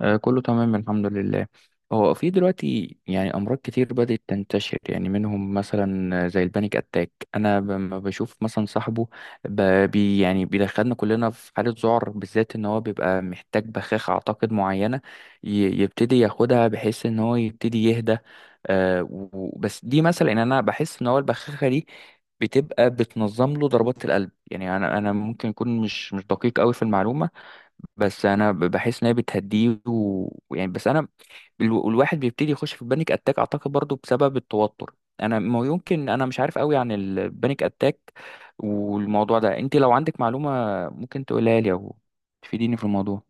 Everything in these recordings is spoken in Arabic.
كله تمام الحمد لله. هو في دلوقتي يعني أمراض كتير بدأت تنتشر، يعني منهم مثلا زي البانيك أتاك. أنا لما بشوف مثلا صاحبه ب- بي يعني بيدخلنا كلنا في حالة ذعر، بالذات إن هو بيبقى محتاج بخاخة أعتقد معينة يبتدي ياخدها بحيث إن هو يبتدي يهدى. بس دي مثلا إن أنا بحس إن هو البخاخة دي بتبقى بتنظم له ضربات القلب. يعني أنا ممكن أكون مش دقيق أوي في المعلومة، بس انا بحس ان هي بتهديه و- ويعني. بس انا الواحد بيبتدي يخش في البانيك اتاك اعتقد برضو بسبب التوتر. انا ما يمكن انا مش عارف قوي عن البانيك اتاك والموضوع ده. انت لو عندك معلومة ممكن تقولها لي او تفيديني في الموضوع.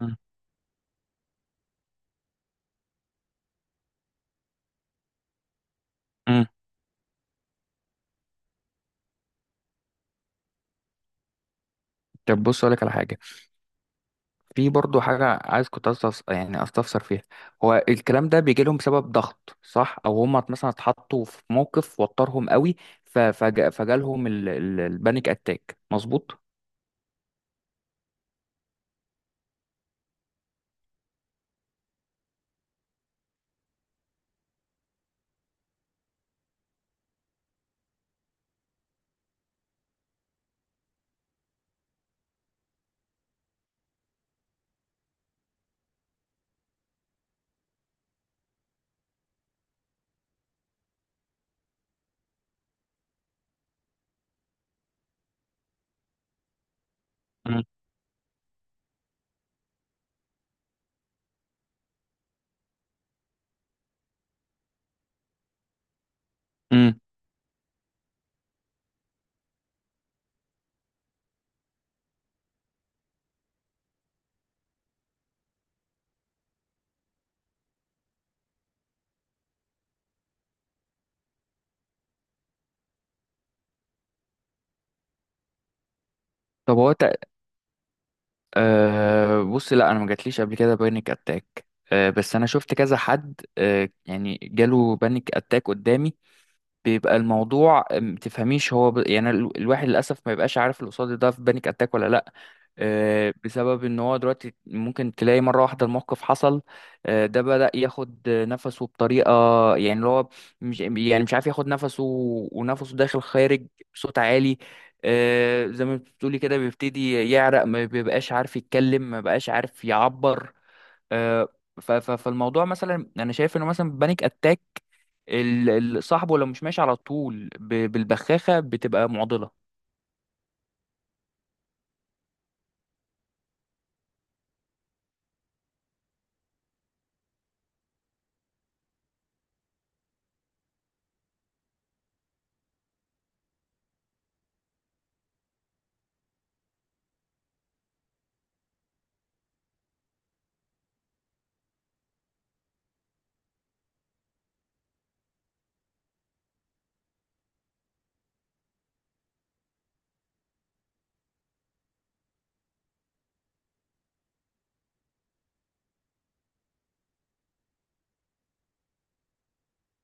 مم. مم. طب بص اقول لك على حاجة. في برضو حاجة عايز يعني استفسر فيها. هو الكلام ده بيجي لهم بسبب ضغط، صح؟ او هم مثلا اتحطوا في موقف وترهم قوي، فجالهم البانيك اتاك، مظبوط؟ امم. طب هو تق... أه بص، لا انا ما جاتليش قبل كده بانيك اتاك، أه بس انا شفت كذا حد أه يعني جاله بانيك اتاك قدامي. بيبقى الموضوع ما تفهميش، يعني الواحد للاسف ما بيبقاش عارف اللي قصاده ده في بانيك اتاك ولا لا، آه، بسبب ان هو دلوقتي ممكن تلاقي مره واحده الموقف حصل، آه، ده بدأ ياخد نفسه بطريقه، يعني اللي هو مش يعني مش عارف ياخد نفسه ونفسه داخل خارج بصوت عالي، آه، زي ما بتقولي كده بيبتدي يعرق، ما بيبقاش عارف يتكلم، ما بقاش عارف يعبر، آه، فالموضوع مثلا انا شايف انه مثلا بانيك اتاك صاحبه لو مش ماشي على طول بالبخاخه بتبقى معضله.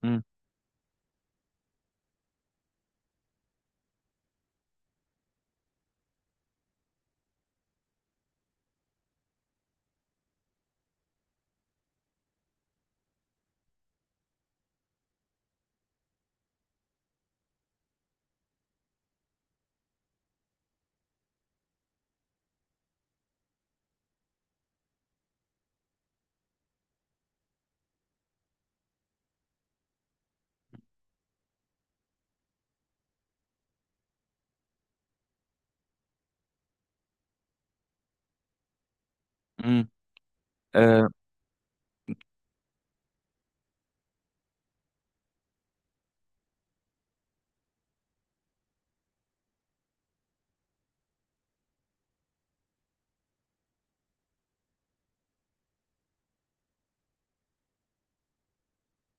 امم. امم. آه.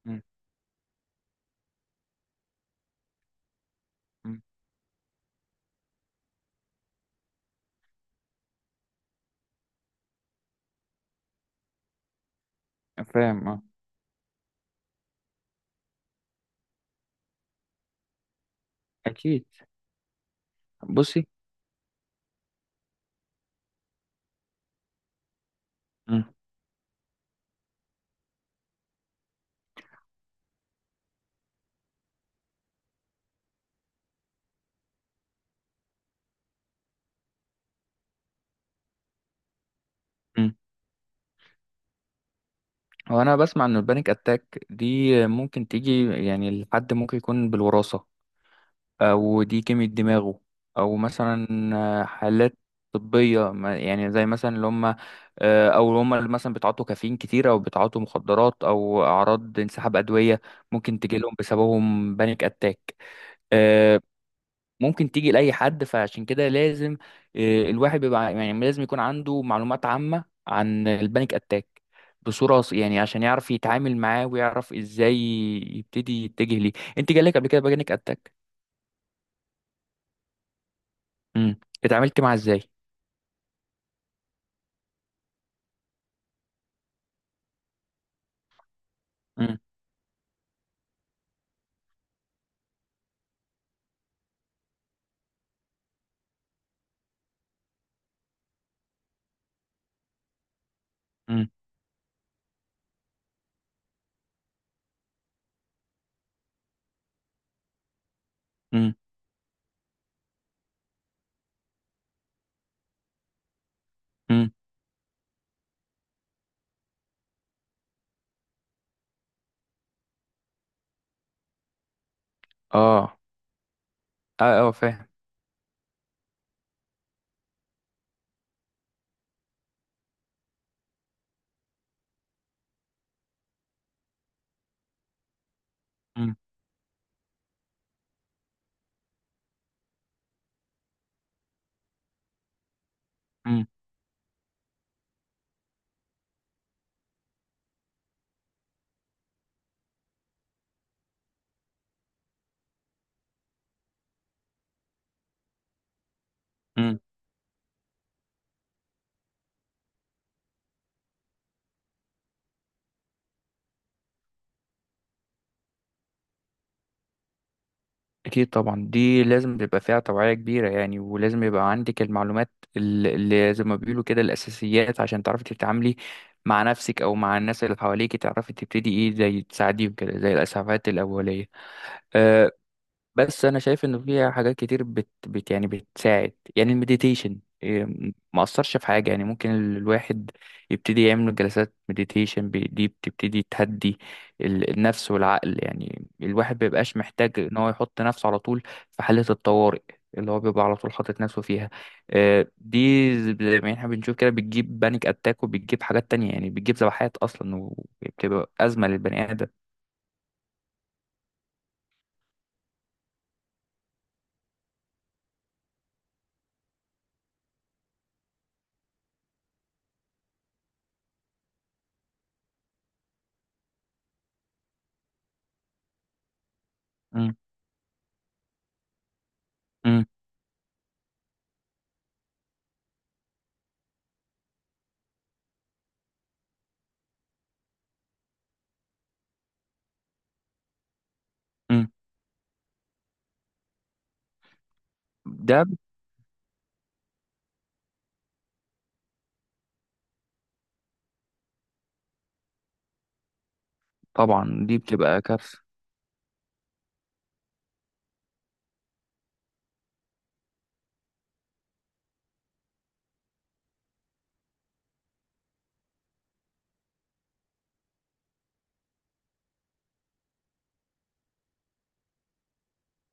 م- م- فاهم، اه، اكيد. بصي. امم. مم. هو انا بسمع ان البانيك اتاك دي ممكن تيجي، يعني الحد ممكن يكون بالوراثه، او دي كيمياء دماغه، او مثلا آه، حالات طبية، يعني زي مثلا اللي هم آه، او اللي هم اللي مثلا بيتعاطوا كافيين كتير، او بيتعاطوا مخدرات، او اعراض انسحاب ادوية ممكن تجي لهم بسببهم بانيك اتاك. آه، ممكن تيجي لاي حد، فعشان كده لازم آه، الواحد بيبقى يعني لازم يكون عنده معلومات عامة عن البانيك اتاك يعني عشان يعرف يتعامل معاه ويعرف ازاي يبتدي يتجه ليه. انت جالك قبل كده بانيك اتاك؟ امم. اتعاملت معاه ازاي؟ امم. امم. امم. امم. اه. اه فاهم. امم. امم. امم. اكيد طبعا، دي لازم تبقى فيها توعية كبيرة يعني، ولازم يبقى عندك المعلومات اللي زي ما بيقولوا كده الاساسيات عشان تعرفي تتعاملي مع نفسك او مع الناس اللي حواليك، تعرفي تبتدي ايه، زي تساعديهم كده زي الاسعافات الاولية. آه. بس انا شايف انه فيها حاجات كتير بت, بت يعني بتساعد، يعني المديتيشن إيه، ما اثرش في حاجه؟ يعني ممكن الواحد يبتدي يعمل جلسات مديتيشن، دي بتبتدي تهدي النفس والعقل. يعني الواحد بيبقاش محتاج ان هو يحط نفسه على طول في حاله الطوارئ اللي هو بيبقى على طول حاطط نفسه فيها. آه، دي زي ما احنا بنشوف كده بتجيب بانيك اتاك وبتجيب حاجات تانية، يعني بتجيب ذبحات اصلا وبتبقى ازمه للبني ادم. مم. مم. مم. ده طبعا دي بتبقى كارثة.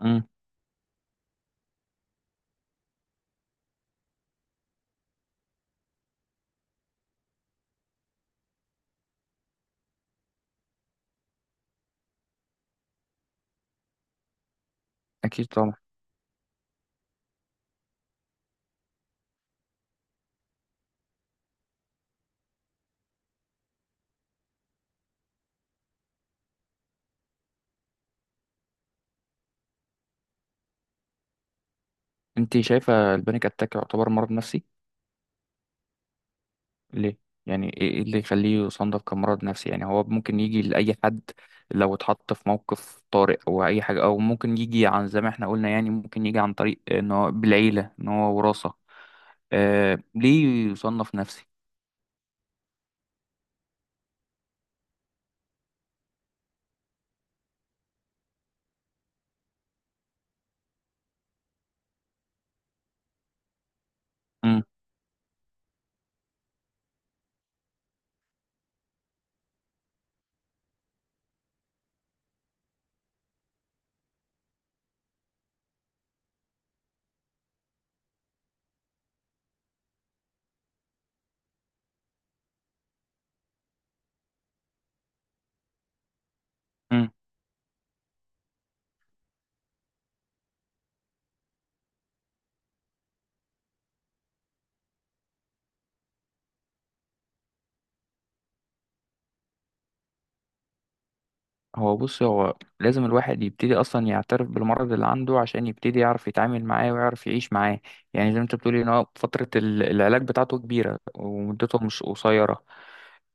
امم. اكيد طبعا. انت شايفة البانيك اتاك يعتبر مرض نفسي؟ ليه؟ يعني إيه اللي يخليه يصنف كمرض نفسي؟ يعني هو ممكن يجي لأي حد لو اتحط في موقف طارئ او اي حاجة، او ممكن يجي عن زي ما احنا قلنا، يعني ممكن يجي عن طريق ان هو بالعيلة، ان هو وراثة. آه، ليه يصنف نفسي؟ امم. بص هو لازم الواحد يبتدي اصلا يعترف بالمرض اللي عنده عشان يبتدي يعرف يتعامل معاه ويعرف يعيش معاه، يعني زي ما انت بتقولي ان هو فترة العلاج بتاعته كبيرة ومدته مش قصيرة.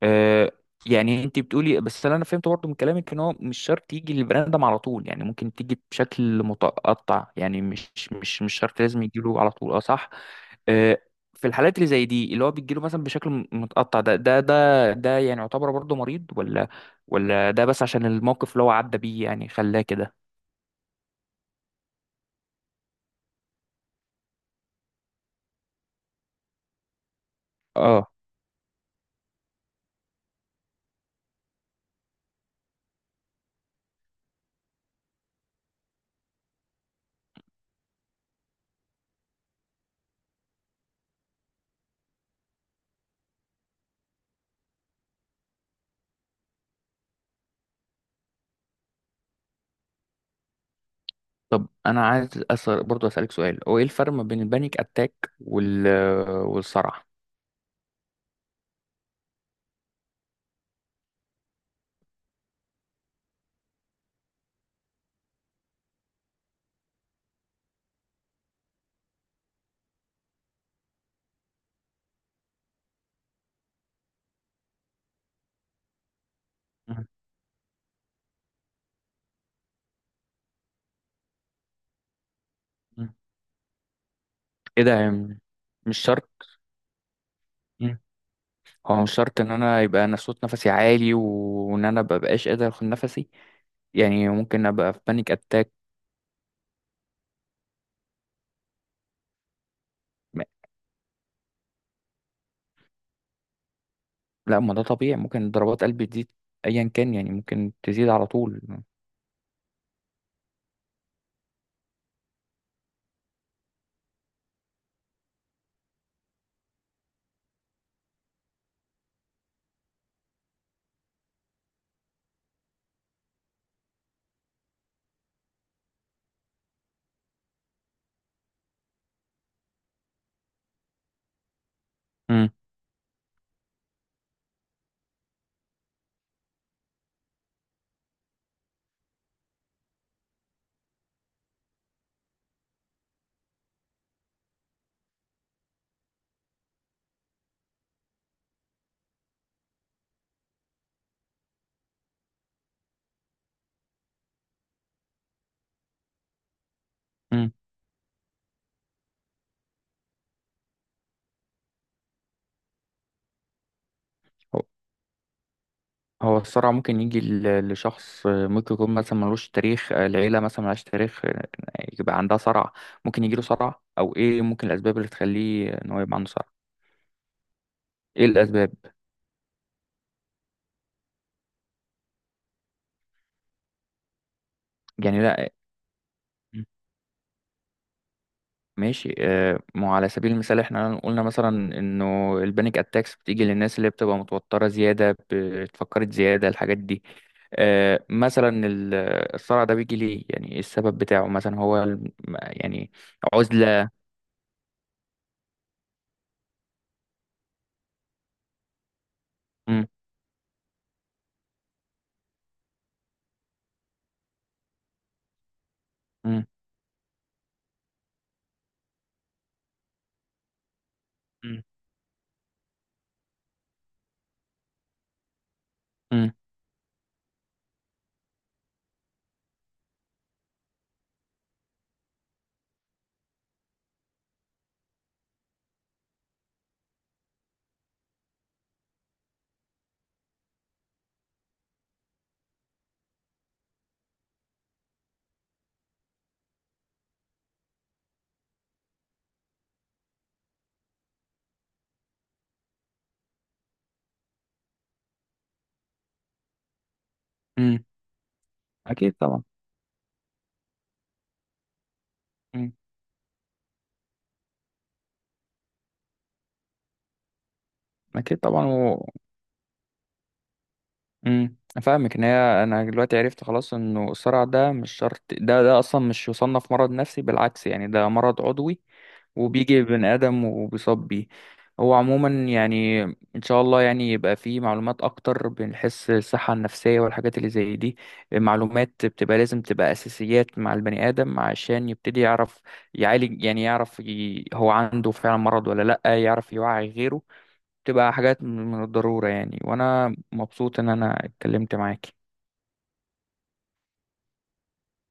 آه. يعني انت بتقولي، بس انا فهمت برضه من كلامك، ان هو مش شرط يجي للبني ادم على طول، يعني ممكن تيجي بشكل متقطع، يعني مش شرط لازم يجيله على طول، اه صح. آه، في الحالات اللي زي دي اللي هو بيجيله مثلا بشكل متقطع ده، ده يعني يعتبر برضه مريض، ولا ولا ده بس عشان الموقف اللي هو عدى بيه يعني خلاه كده؟ اه. طب انا عايز أسأل برضه اسالك سؤال، هو ايه الفرق ما بين البانيك اتاك وال والصرع؟ مم. مم. ايه ده يعني؟ مش شرط. مم. هو مش شرط ان انا يبقى انا صوت نفسي عالي وان انا مبقاش قادر اخد نفسي، يعني ممكن ابقى في بانيك اتاك. م-. لا ما ده طبيعي، ممكن ضربات قلبي تزيد ايا كان، يعني ممكن تزيد على طول. مم. مم. هو الصرع ممكن يجي لشخص آه، ممكن يكون مثلا ملوش تاريخ، آه، العيلة مثلا ملهاش تاريخ، آه، يبقى عندها صرع؟ ممكن يجيله صرع؟ أو إيه ممكن الأسباب اللي تخليه إن هو يبقى عنده صرع؟ إيه الأسباب؟ يعني لا، ماشي آه، ما هو على سبيل المثال إحنا قلنا مثلا إنه البانيك أتاكس بتيجي للناس اللي بتبقى متوترة زيادة، بتفكرت زيادة، الحاجات دي. آه، مثلا الصرع ده بيجي ليه؟ يعني إيه السبب بتاعه مثلا؟ يعني عزلة؟ م- م- م- م- م. اكيد طبعا. مم. اكيد طبعا و... مم. افهمك ان هي انا دلوقتي عرفت خلاص انه الصرع ده مش شرط، ده ده اصلا مش يصنف مرض نفسي، بالعكس يعني ده مرض عضوي وبيجي بني ادم وبيصاب بيه. هو عموما يعني ان شاء الله يعني يبقى فيه معلومات اكتر بنحس الصحة النفسية والحاجات اللي زي دي، معلومات بتبقى لازم تبقى اساسيات مع البني ادم عشان يبتدي يعرف يعالج، يعني يعرف هو عنده فعلا مرض ولا لا، يعرف يوعي غيره. تبقى حاجات من الضرورة يعني، وأنا مبسوط إن أنا اتكلمت معاك.